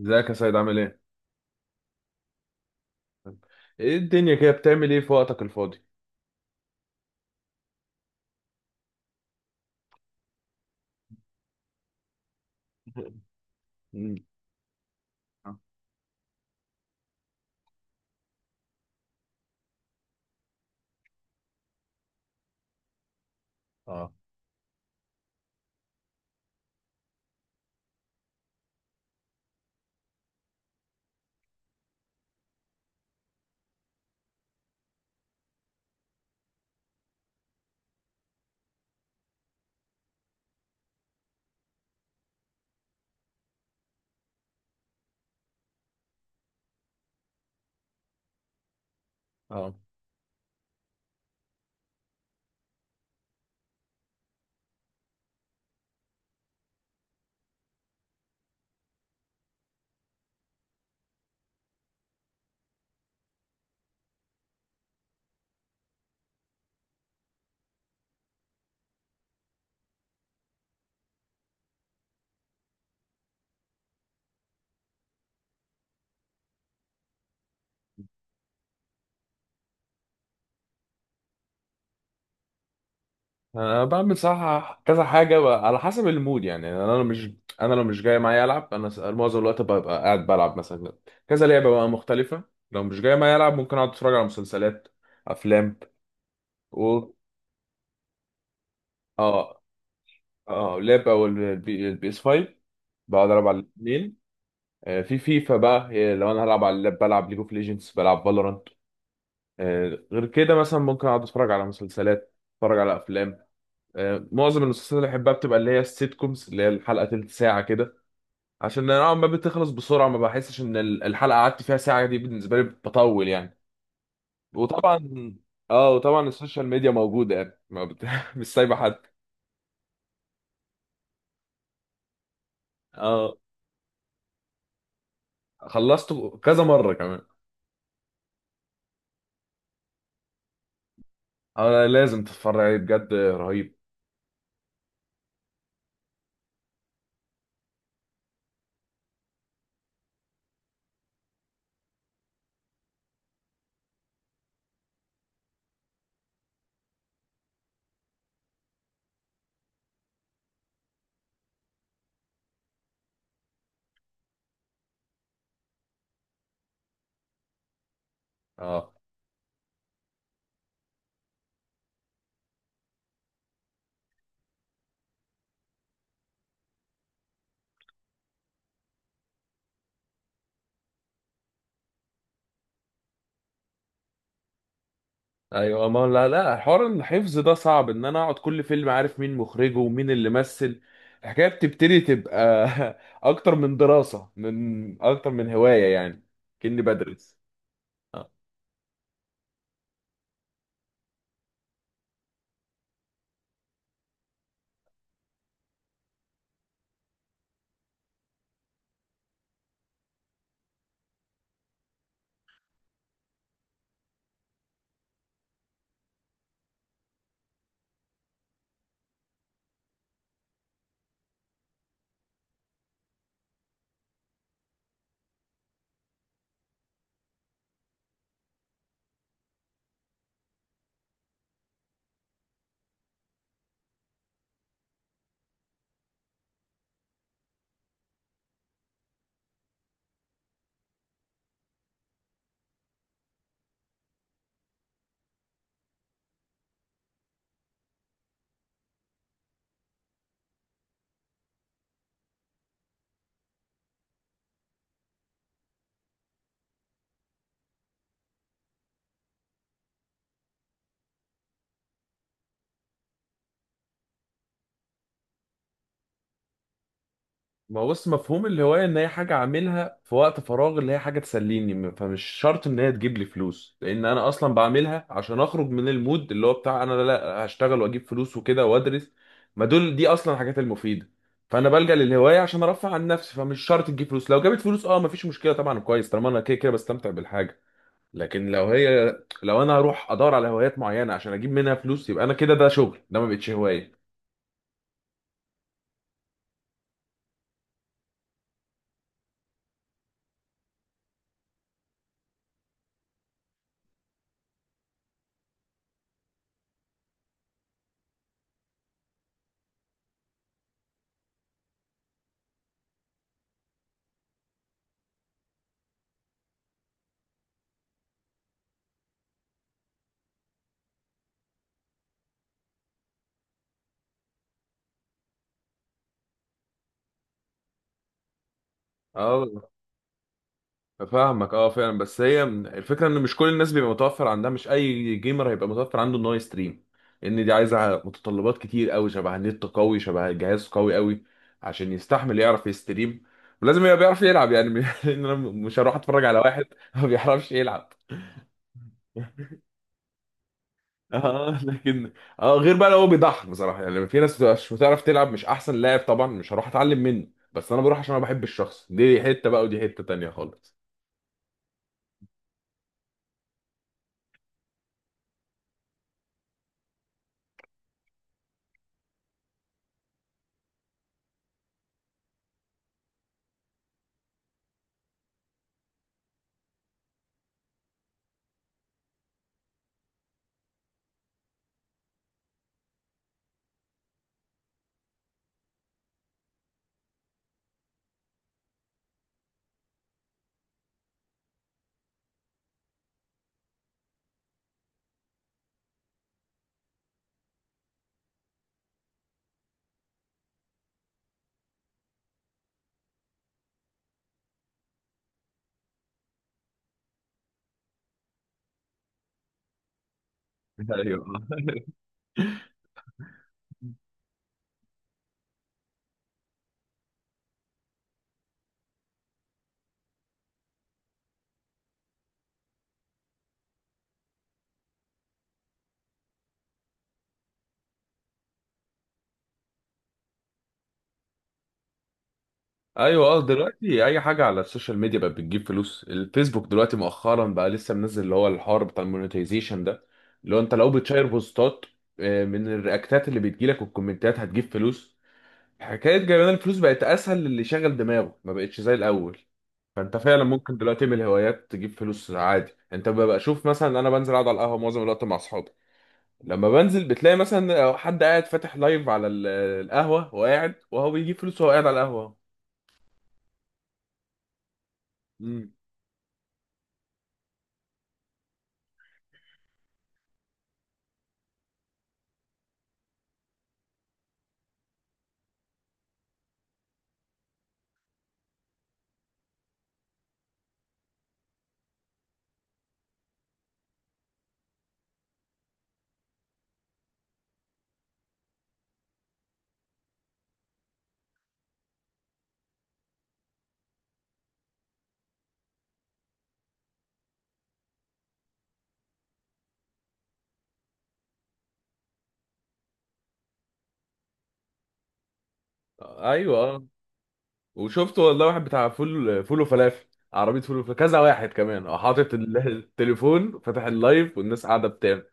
ازيك يا سيد عامل ايه؟ ايه الدنيا كده بتعمل ايه في وقتك الفاضي؟ مم. اه اه انا بعمل صح كذا حاجة بقى على حسب المود يعني انا لو مش جاي معايا العب، معظم الوقت ببقى قاعد بلعب مثلا كذا لعبة بقى مختلفة. لو مش جاي معايا العب ممكن اقعد اتفرج على مسلسلات، افلام. و اه اه لعبة او البي اس 5، بقعد العب على الاثنين. في فيفا بقى، هي لو انا هلعب على اللاب بلعب ليج اوف ليجندز، بلعب فالورانت. غير كده مثلا ممكن اقعد اتفرج على مسلسلات، اتفرج على افلام. معظم المسلسلات اللي بحبها بتبقى اللي هي السيت كومز، اللي هي الحلقه تلت ساعه كده، عشان انا نوعا ما بتخلص بسرعه، ما بحسش ان الحلقه قعدت فيها ساعه، دي بالنسبه لي بطول يعني. وطبعا، اه وطبعا السوشيال ميديا موجوده يعني، ما بت... مش سايبه حد. اه خلصته كذا مره كمان. اه لازم تتفرج عليه بجد، رهيب. اه ايوه، ما لا حوار الحفظ ده صعب ان انا اقعد كل فيلم عارف مين مخرجه ومين اللي مثل، الحكايه بتبتدي تبقى اكتر من دراسه، من اكتر من هوايه يعني، كأني بدرس. ما هو بص، مفهوم الهواية إن هي حاجة أعملها في وقت فراغ، اللي هي حاجة تسليني، فمش شرط إن هي تجيب لي فلوس، لأن أنا أصلا بعملها عشان أخرج من المود اللي هو بتاع أنا لا هشتغل وأجيب فلوس وكده وأدرس، ما دول دي أصلا الحاجات المفيدة. فأنا بلجأ للهواية عشان أرفع عن نفسي، فمش شرط تجيب فلوس. لو جابت فلوس أه مفيش مشكلة طبعا، كويس، طالما أنا كده بستمتع بالحاجة. لكن لو هي، لو أنا هروح أدور على هوايات معينة عشان أجيب منها فلوس، يبقى أنا كده ده شغل، ده ما بقتش هواية. اه فاهمك، اه فعلا، بس هي الفكره ان مش كل الناس بيبقى متوفر عندها، مش اي جيمر هيبقى متوفر عنده ان هو يستريم، لان دي عايزه متطلبات كتير قوي، شبه نت قوي، شبه جهاز قوي قوي، عشان يستحمل يعرف يستريم، ولازم يبقى بيعرف يلعب يعني، لان انا مش هروح اتفرج على واحد ما بيعرفش يلعب. اه لكن اه غير بقى لو هو بيضحك بصراحه، يعني في ناس بتبقى مش بتعرف تلعب، مش احسن لاعب طبعا مش هروح اتعلم منه، بس انا بروح عشان انا بحب الشخص، دي حته بقى، ودي حته تانيه خالص. ايوه، ايوه اه دلوقتي اي حاجه على السوشيال ميديا بقت بتجيب فلوس. الفيسبوك دلوقتي مؤخرا بقى لسه منزل اللي هو الحوار بتاع المونetization ده، اللي هو انت لو بتشير بوستات من الرياكتات اللي بتجيلك والكومنتات هتجيب فلوس. حكايه جايبان الفلوس بقت اسهل للي شغل دماغه، ما بقتش زي الاول. فانت فعلا ممكن دلوقتي تعمل هوايات تجيب فلوس عادي. انت ببقى شوف مثلا انا بنزل اقعد على القهوه معظم الوقت مع اصحابي، لما بنزل بتلاقي مثلا حد قاعد فاتح لايف على القهوه وقاعد وهو بيجيب فلوس وهو قاعد على القهوه. ايوه اه، وشفت والله واحد بتاع فول وفلافل، عربيه فول وفلافل، كذا واحد كمان اه حاطط التليفون فاتح اللايف والناس قاعده بتعمل.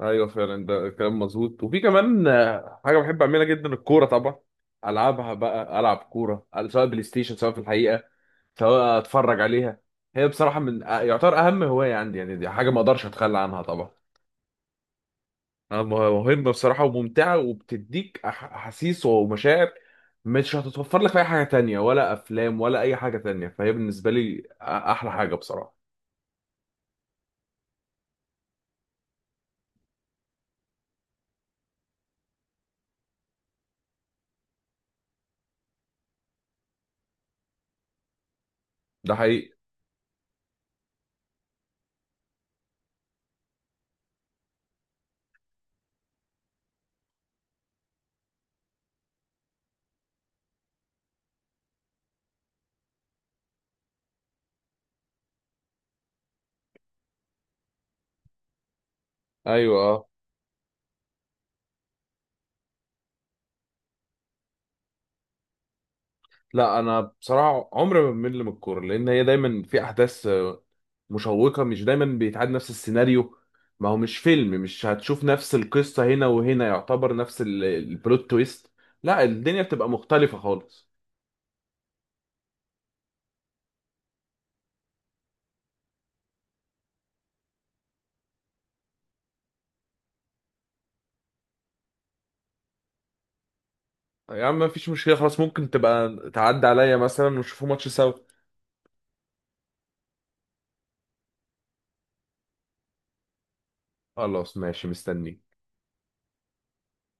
ايوه فعلا، ده كلام مظبوط. وفي كمان حاجه بحب اعملها جدا، الكوره طبعا. العبها بقى، العب كوره سواء بلاي ستيشن، سواء في الحقيقه، سواء اتفرج عليها. هي بصراحه من يعتبر اهم هوايه عندي يعني، دي حاجه ما اقدرش اتخلى عنها طبعا. مهمة بصراحة وممتعة، وبتديك أحاسيس ومشاعر مش هتتوفر لك في أي حاجة تانية، ولا أفلام ولا أي حاجة تانية، فهي بالنسبة لي أحلى حاجة بصراحة. ده حقيقي. أيوة أه، لا أنا بصراحة عمري ما بمل من الكورة، لأن هي دايما في أحداث مشوقة، مش دايما بيتعاد نفس السيناريو، ما هو مش فيلم مش هتشوف نفس القصة هنا وهنا، يعتبر نفس البلوت تويست، لا الدنيا بتبقى مختلفة خالص. يا عم مفيش مشكلة خلاص، ممكن تبقى تعدي عليا مثلا ونشوفوا ماتش سوا. خلاص ماشي، مستنيك.